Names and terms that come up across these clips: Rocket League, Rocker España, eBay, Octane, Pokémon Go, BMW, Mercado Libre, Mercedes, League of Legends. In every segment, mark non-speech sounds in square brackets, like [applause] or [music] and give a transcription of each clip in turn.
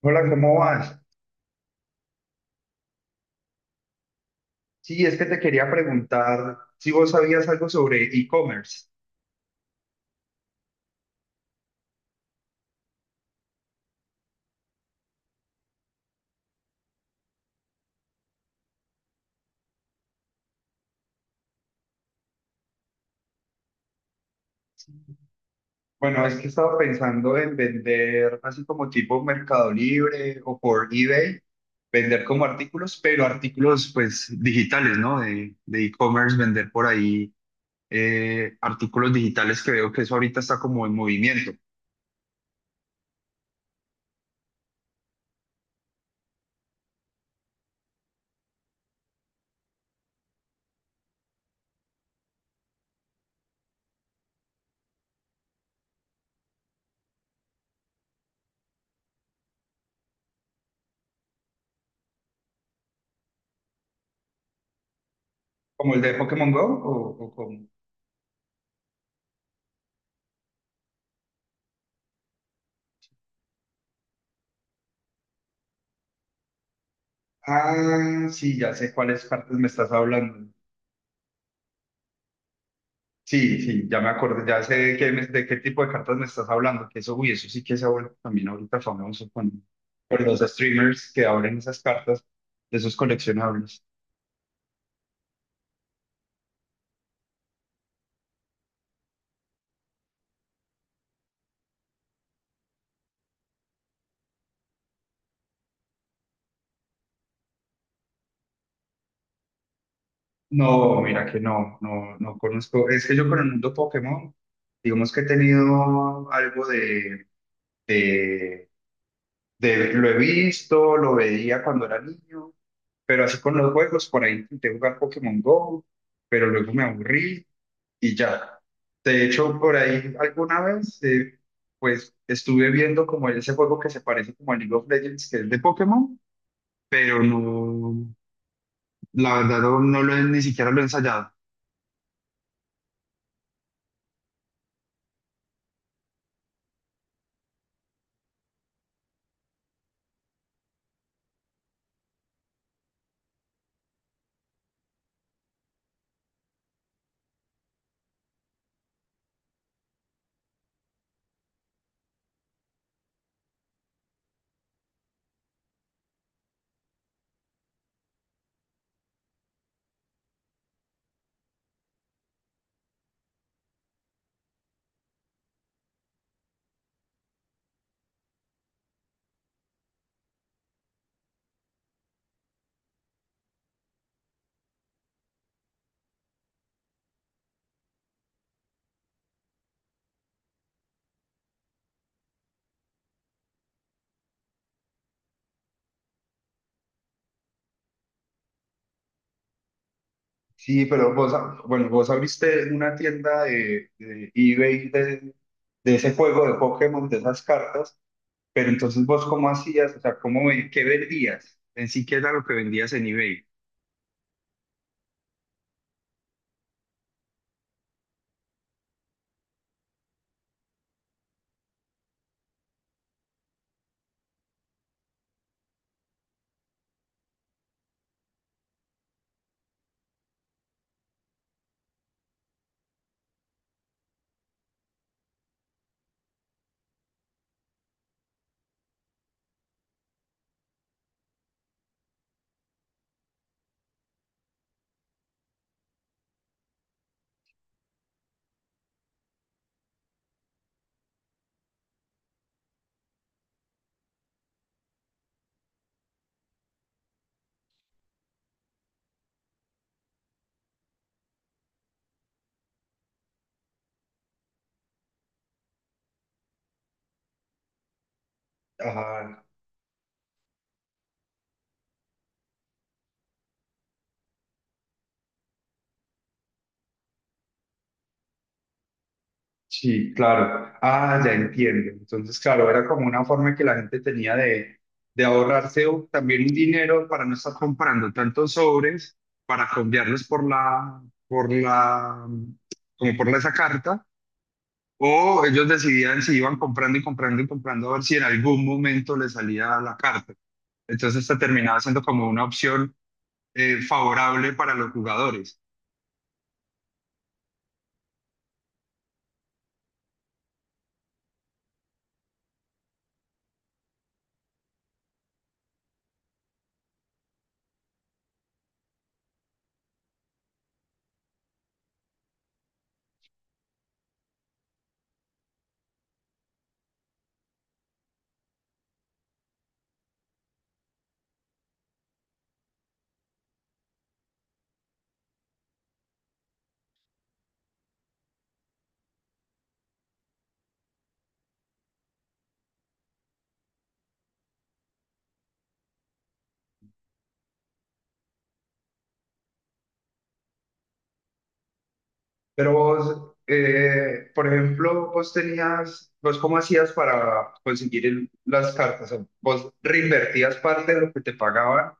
Hola, ¿cómo vas? Sí, es que te quería preguntar si vos sabías algo sobre e-commerce. Bueno, es que estaba pensando en vender así como tipo Mercado Libre o por eBay, vender como artículos, pero artículos pues digitales, ¿no? De e-commerce, vender por ahí artículos digitales que veo que eso ahorita está como en movimiento. ¿Como el de Pokémon Go o como? Ah, sí, ya sé cuáles partes me estás hablando. Sí, sí, ya me acordé, ya sé de qué, de qué tipo de cartas me estás hablando, que eso, uy, eso sí que se ha vuelto también ahorita famoso con los streamers que abren esas cartas, de esos coleccionables. No, mira que no, no, no conozco, es que yo con el mundo Pokémon, digamos que he tenido algo de, lo he visto, lo veía cuando era niño, pero así con los juegos, por ahí intenté jugar Pokémon Go, pero luego me aburrí y ya. De hecho, por ahí alguna vez, pues estuve viendo como ese juego que se parece como a League of Legends, que es de Pokémon, pero no, la verdad no, no lo he, ni siquiera lo he ensayado. Sí, pero vos, bueno, vos abriste una tienda de eBay de ese juego de Pokémon, de esas cartas, pero entonces vos cómo hacías, o sea, cómo, qué vendías, en sí qué era lo que vendías en eBay. Sí, claro. Ah, ya entiendo. Entonces, claro, era como una forma que la gente tenía de ahorrarse también un dinero para no estar comprando tantos sobres, para cambiarlos por la, como por la- esa carta, o ellos decidían si iban comprando y comprando y comprando a ver si en algún momento les salía la carta. Entonces, esta terminaba siendo como una opción favorable para los jugadores. Pero vos, por ejemplo, vos tenías, vos cómo hacías para conseguir las cartas? O sea, ¿vos reinvertías parte de lo que te pagaban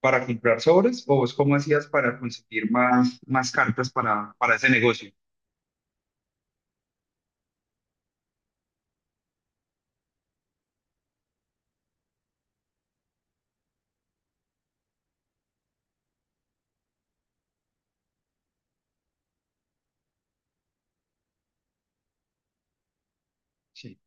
para comprar sobres o vos cómo hacías para conseguir más, más cartas para ese negocio? Sí.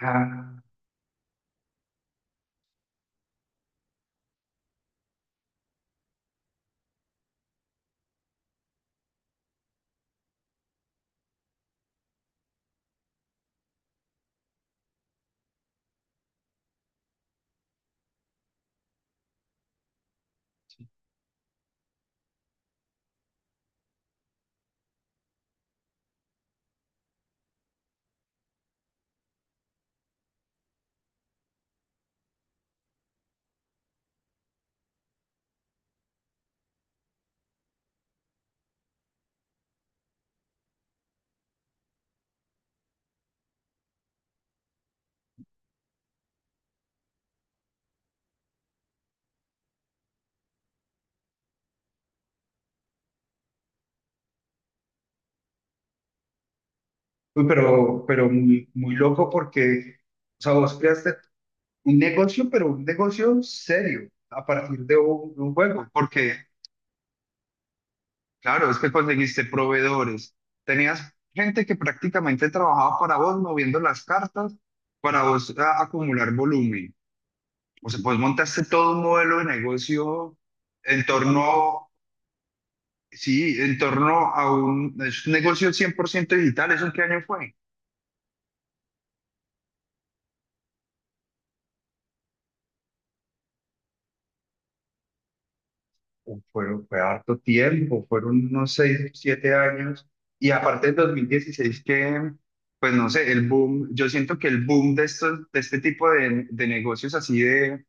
Ah, uy, pero muy, muy loco porque, o sea, vos creaste un negocio, pero un negocio serio a partir de un juego, porque claro, es que conseguiste proveedores. Tenías gente que prácticamente trabajaba para vos moviendo las cartas para vos acumular volumen. O sea, pues montaste todo un modelo de negocio en torno, sí, en torno a un, es un negocio 100% digital. ¿Eso en qué año fue? Fue, fue harto tiempo, fueron unos seis, siete años. Y aparte del 2016 que, pues no sé, el boom, yo siento que el boom de estos, de este tipo de negocios así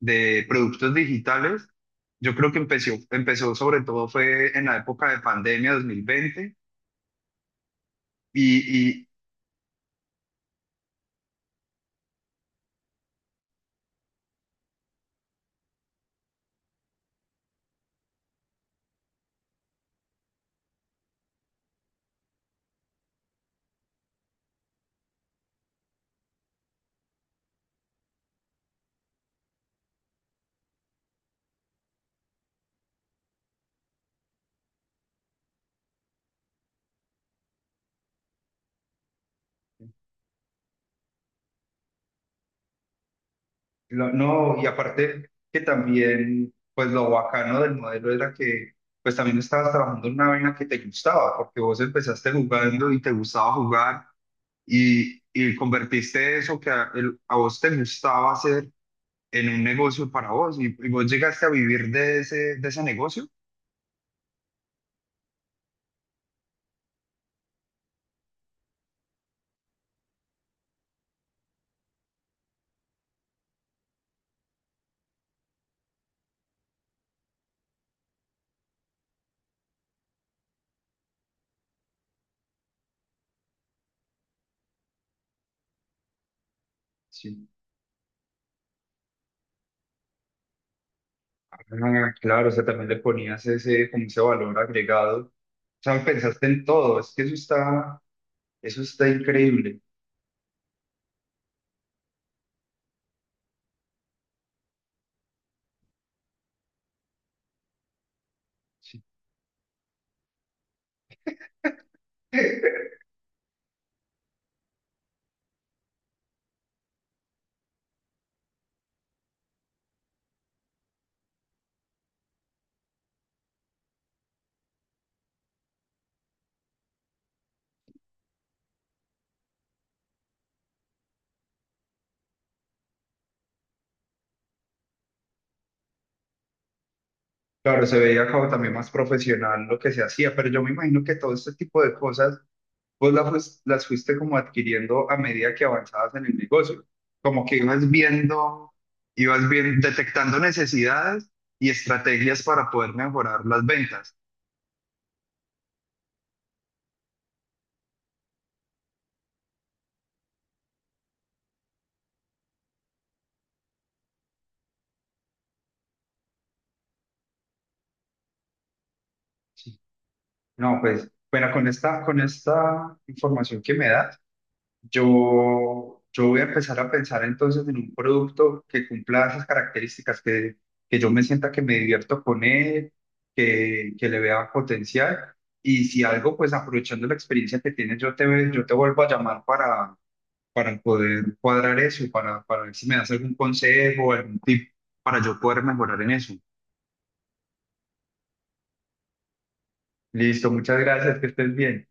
de productos digitales, yo creo que empezó, empezó sobre todo fue en la época de pandemia 2020 y, no, y aparte que también, pues lo bacano del modelo era que, pues también estabas trabajando en una vaina que te gustaba, porque vos empezaste jugando y te gustaba jugar y convertiste eso que a, a vos te gustaba hacer en un negocio para vos y vos llegaste a vivir de ese negocio. Sí. Ah, claro, o sea, también le ponías ese, como ese valor agregado. O sea, pensaste en todo, es que eso está increíble. Sí. [laughs] Claro, se veía como también más profesional lo que se hacía, pero yo me imagino que todo este tipo de cosas vos las fuiste como adquiriendo a medida que avanzabas en el negocio, como que ibas viendo, ibas bien, detectando necesidades y estrategias para poder mejorar las ventas. Sí. No, pues, bueno, con esta información que me das, yo voy a empezar a pensar entonces en un producto que cumpla esas características, que yo me sienta que me divierto con él, que le vea potencial. Y si algo, pues aprovechando la experiencia que tienes, yo te vuelvo a llamar para poder cuadrar eso, para ver si me das algún consejo, algún tip para yo poder mejorar en eso. Listo, muchas gracias, que estés bien.